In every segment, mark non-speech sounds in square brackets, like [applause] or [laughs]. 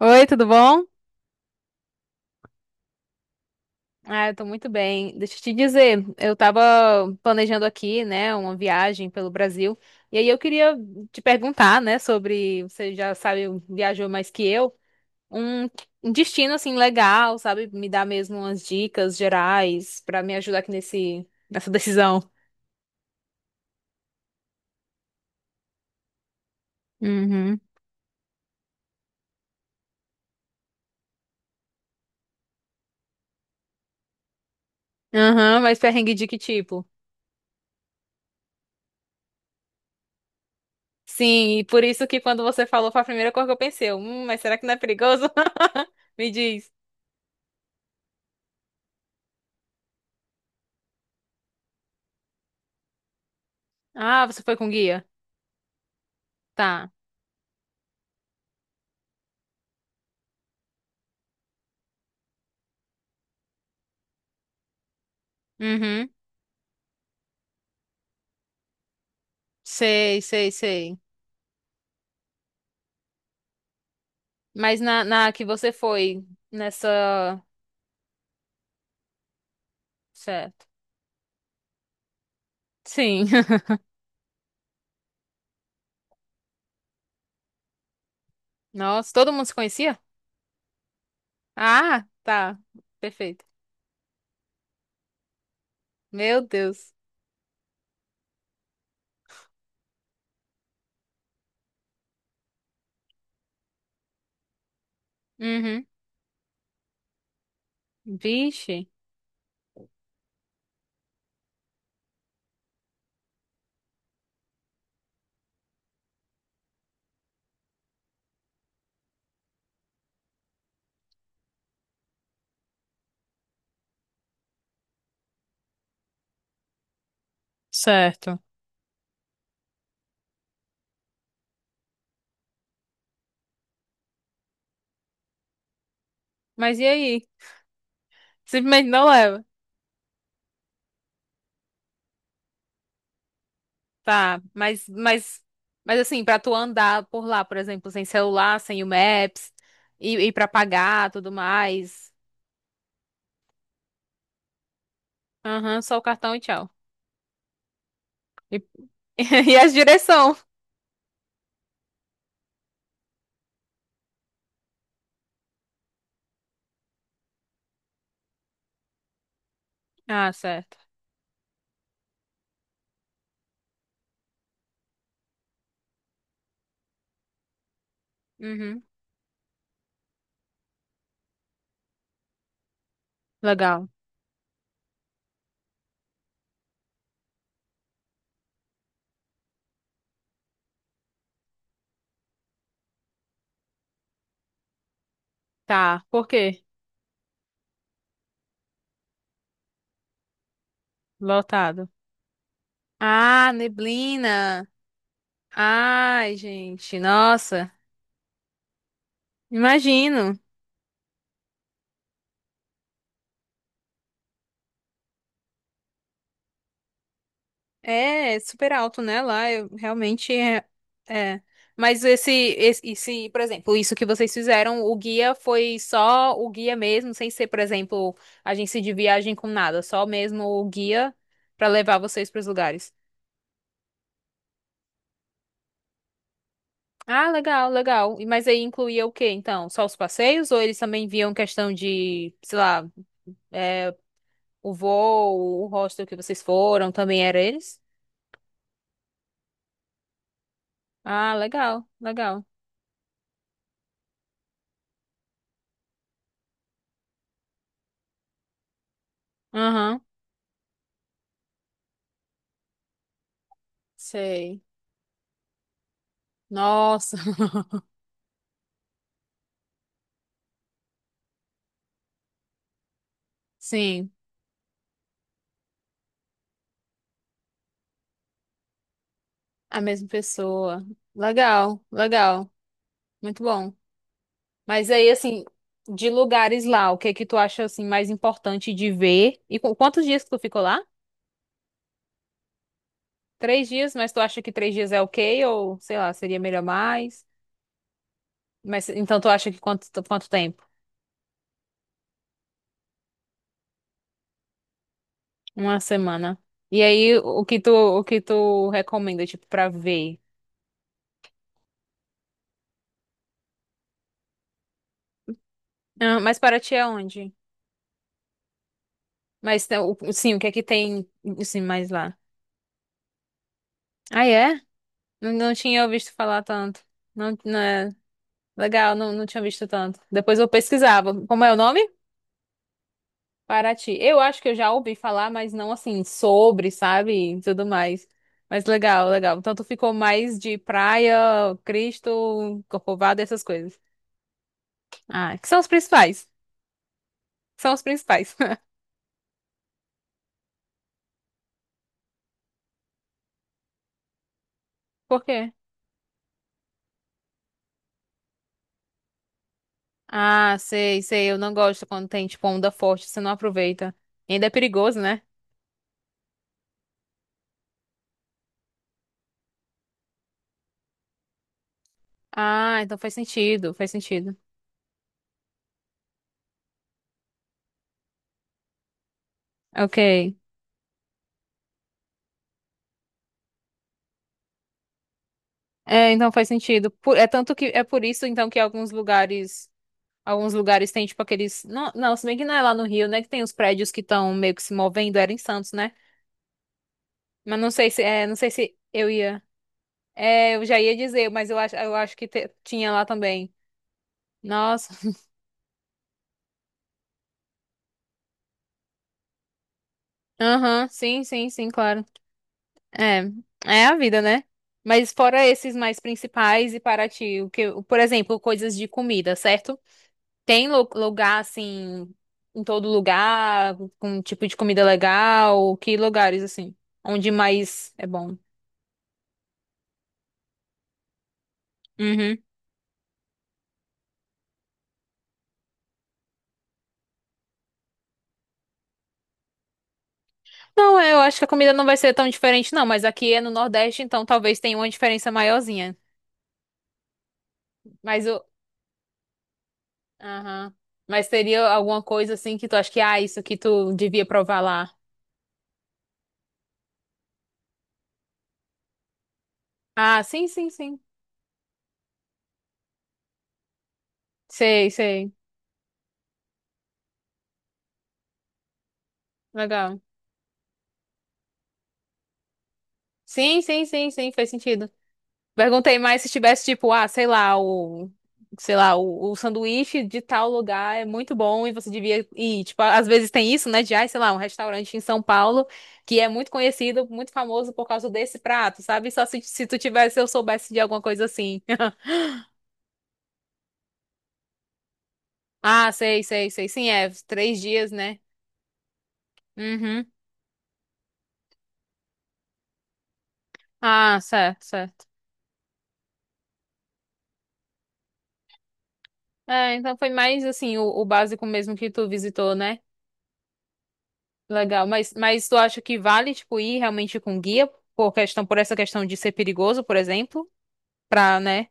Oi, tudo bom? Ah, eu tô muito bem. Deixa eu te dizer, eu tava planejando aqui, né, uma viagem pelo Brasil, e aí eu queria te perguntar, né, sobre, você já sabe, viajou mais que eu, um, um destino, assim, legal, sabe? Me dar mesmo umas dicas gerais pra me ajudar aqui nessa decisão. Uhum. Aham, mas perrengue de que tipo? Sim, e por isso que quando você falou foi a primeira coisa que eu pensei, eu, mas será que não é perigoso? [laughs] Me diz. Ah, você foi com guia? Tá. Uhum. Sei, sei, sei. Mas na que você foi nessa. Certo. Sim. [laughs] Nossa, todo mundo se conhecia? Ah, tá. Perfeito. Meu Deus. Uhum. Vixe. Certo. Mas e aí? Simplesmente não leva. Tá, mas assim, pra tu andar por lá, por exemplo, sem celular, sem o Maps, e pra pagar, tudo mais. Aham, só o cartão e tchau. E, [laughs] e as direção. Ah, certo. Uhum. Legal. Tá. Por quê? Lotado. Ah, neblina. Ai, gente, nossa. Imagino. É super alto, né? Lá eu realmente é. É. Mas esse, por exemplo, isso que vocês fizeram, o guia foi só o guia mesmo, sem ser, por exemplo, agência de viagem com nada, só mesmo o guia pra levar vocês pros lugares. Ah, legal, legal. E mas aí incluía o quê, então? Só os passeios ou eles também viam questão de, sei lá, é, o voo, o hostel que vocês foram, também era eles? Ah, legal, legal. Aham, sei. Nossa, [laughs] sim, a mesma pessoa. Legal, legal, muito bom. Mas aí, assim, de lugares lá, o que que tu acha, assim, mais importante de ver? E quantos dias que tu ficou lá? Três dias, mas tu acha que três dias é ok? Ou, sei lá, seria melhor mais? Mas, então, tu acha que quanto tempo? Uma semana. E aí, o que tu recomenda, tipo, pra ver? Ah, mas para ti é onde? Mas, né, sim, o que é que tem, assim, mais lá? Ah, é? Não, não tinha visto falar tanto. Não, não é- Legal, não, não tinha visto tanto. Depois eu pesquisava. Como é o nome? Paraty. Eu acho que eu já ouvi falar, mas não, assim, sobre, sabe? E tudo mais. Mas legal, legal. Então tu ficou mais de praia, Cristo, Corcovado, essas coisas. Ah, que são os principais. São os principais. Por quê? Ah, sei, sei. Eu não gosto quando tem, tipo, onda forte. Você não aproveita. E ainda é perigoso, né? Ah, então faz sentido. Faz sentido. Ok. É, então faz sentido. É tanto que é por isso, então, que alguns lugares. Alguns lugares têm, tipo, aqueles. Não, se bem que não é lá no Rio, né? Que tem os prédios que estão meio que se movendo. Era em Santos, né? Mas não sei se. É, não sei se eu ia. É, eu já ia dizer, mas eu acho que tinha lá também. Nossa. [laughs] Aham, sim, claro. É, é a vida, né? Mas fora esses mais principais e para ti, o que, por exemplo, coisas de comida, certo? Tem lugar assim, em todo lugar, com um tipo de comida legal, que lugares assim, onde mais é bom? Uhum. Não, é, eu acho que a comida não vai ser tão diferente, não, mas aqui é no Nordeste, então talvez tenha uma diferença maiorzinha. Mas o. Aham. Mas seria alguma coisa assim que tu acha que, ah, isso aqui tu devia provar lá. Ah, sim. Sei, sei. Legal. Sim, fez sentido. Perguntei mais se tivesse, tipo, ah, sei lá, o, sei lá, o sanduíche de tal lugar é muito bom e você devia ir. Tipo, às vezes tem isso, né, de, ah, sei lá, um restaurante em São Paulo que é muito conhecido, muito famoso por causa desse prato, sabe? Só se tu tivesse, eu soubesse de alguma coisa assim. [laughs] Ah, sei. Sim, é, três dias, né? Uhum. Ah, certo, certo. É, então foi mais, assim, o básico mesmo que tu visitou, né? Legal, mas tu acha que vale, tipo, ir realmente com guia por essa questão de ser perigoso, por exemplo? Pra, né?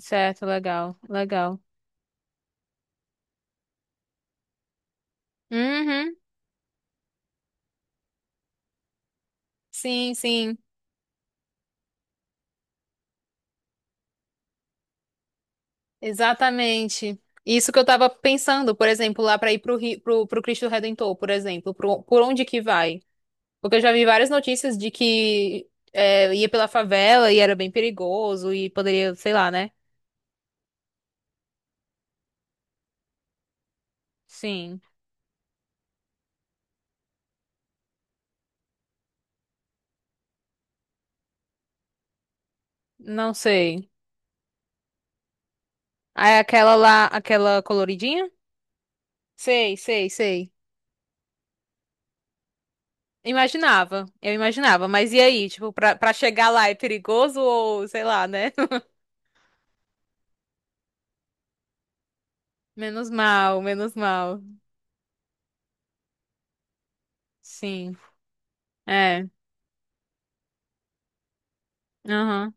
Certo, legal, legal. Uhum, sim, sim, exatamente. Isso que eu tava pensando, por exemplo, lá pra ir pro, pro, pro Cristo Redentor, por exemplo, pro, por onde que vai? Porque eu já vi várias notícias de que é, ia pela favela e era bem perigoso e poderia, sei lá, né? Sim, não sei. Aí aquela lá, aquela coloridinha? Sei, sei, sei. Imaginava, eu imaginava, mas e aí, tipo, pra chegar lá é perigoso ou sei lá, né? [laughs] Menos mal, menos mal. Sim, é, aham,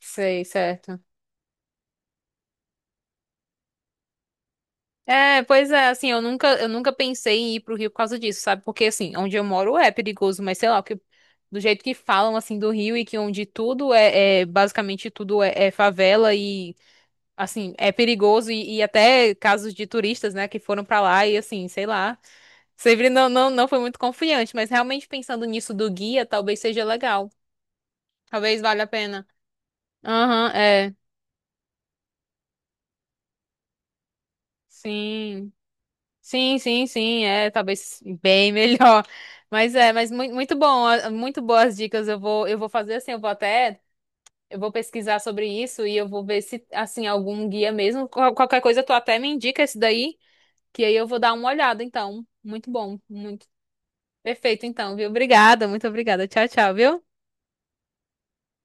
sei, certo. É, pois é, assim, eu nunca pensei em ir pro Rio por causa disso, sabe? Porque, assim, onde eu moro é perigoso, mas sei lá, o que, do jeito que falam, assim, do Rio e que onde tudo é, basicamente tudo é, é favela e, assim, é perigoso e até casos de turistas, né, que foram pra lá e, assim, sei lá. Sempre não, não foi muito confiante, mas realmente pensando nisso do guia, talvez seja legal. Talvez valha a pena. Aham, é. Sim. Sim, é, talvez bem [laughs] melhor. Mas é, mas muito, muito bom, ah, muito boas dicas. Eu vou fazer assim, eu vou até, eu vou pesquisar sobre isso e eu vou ver se, assim, algum guia mesmo. Qualquer coisa tu até me indica esse daí, que aí eu vou dar uma olhada, então. Muito bom, muito perfeito, então, viu? Obrigada, muito obrigada. Tchau, tchau, viu?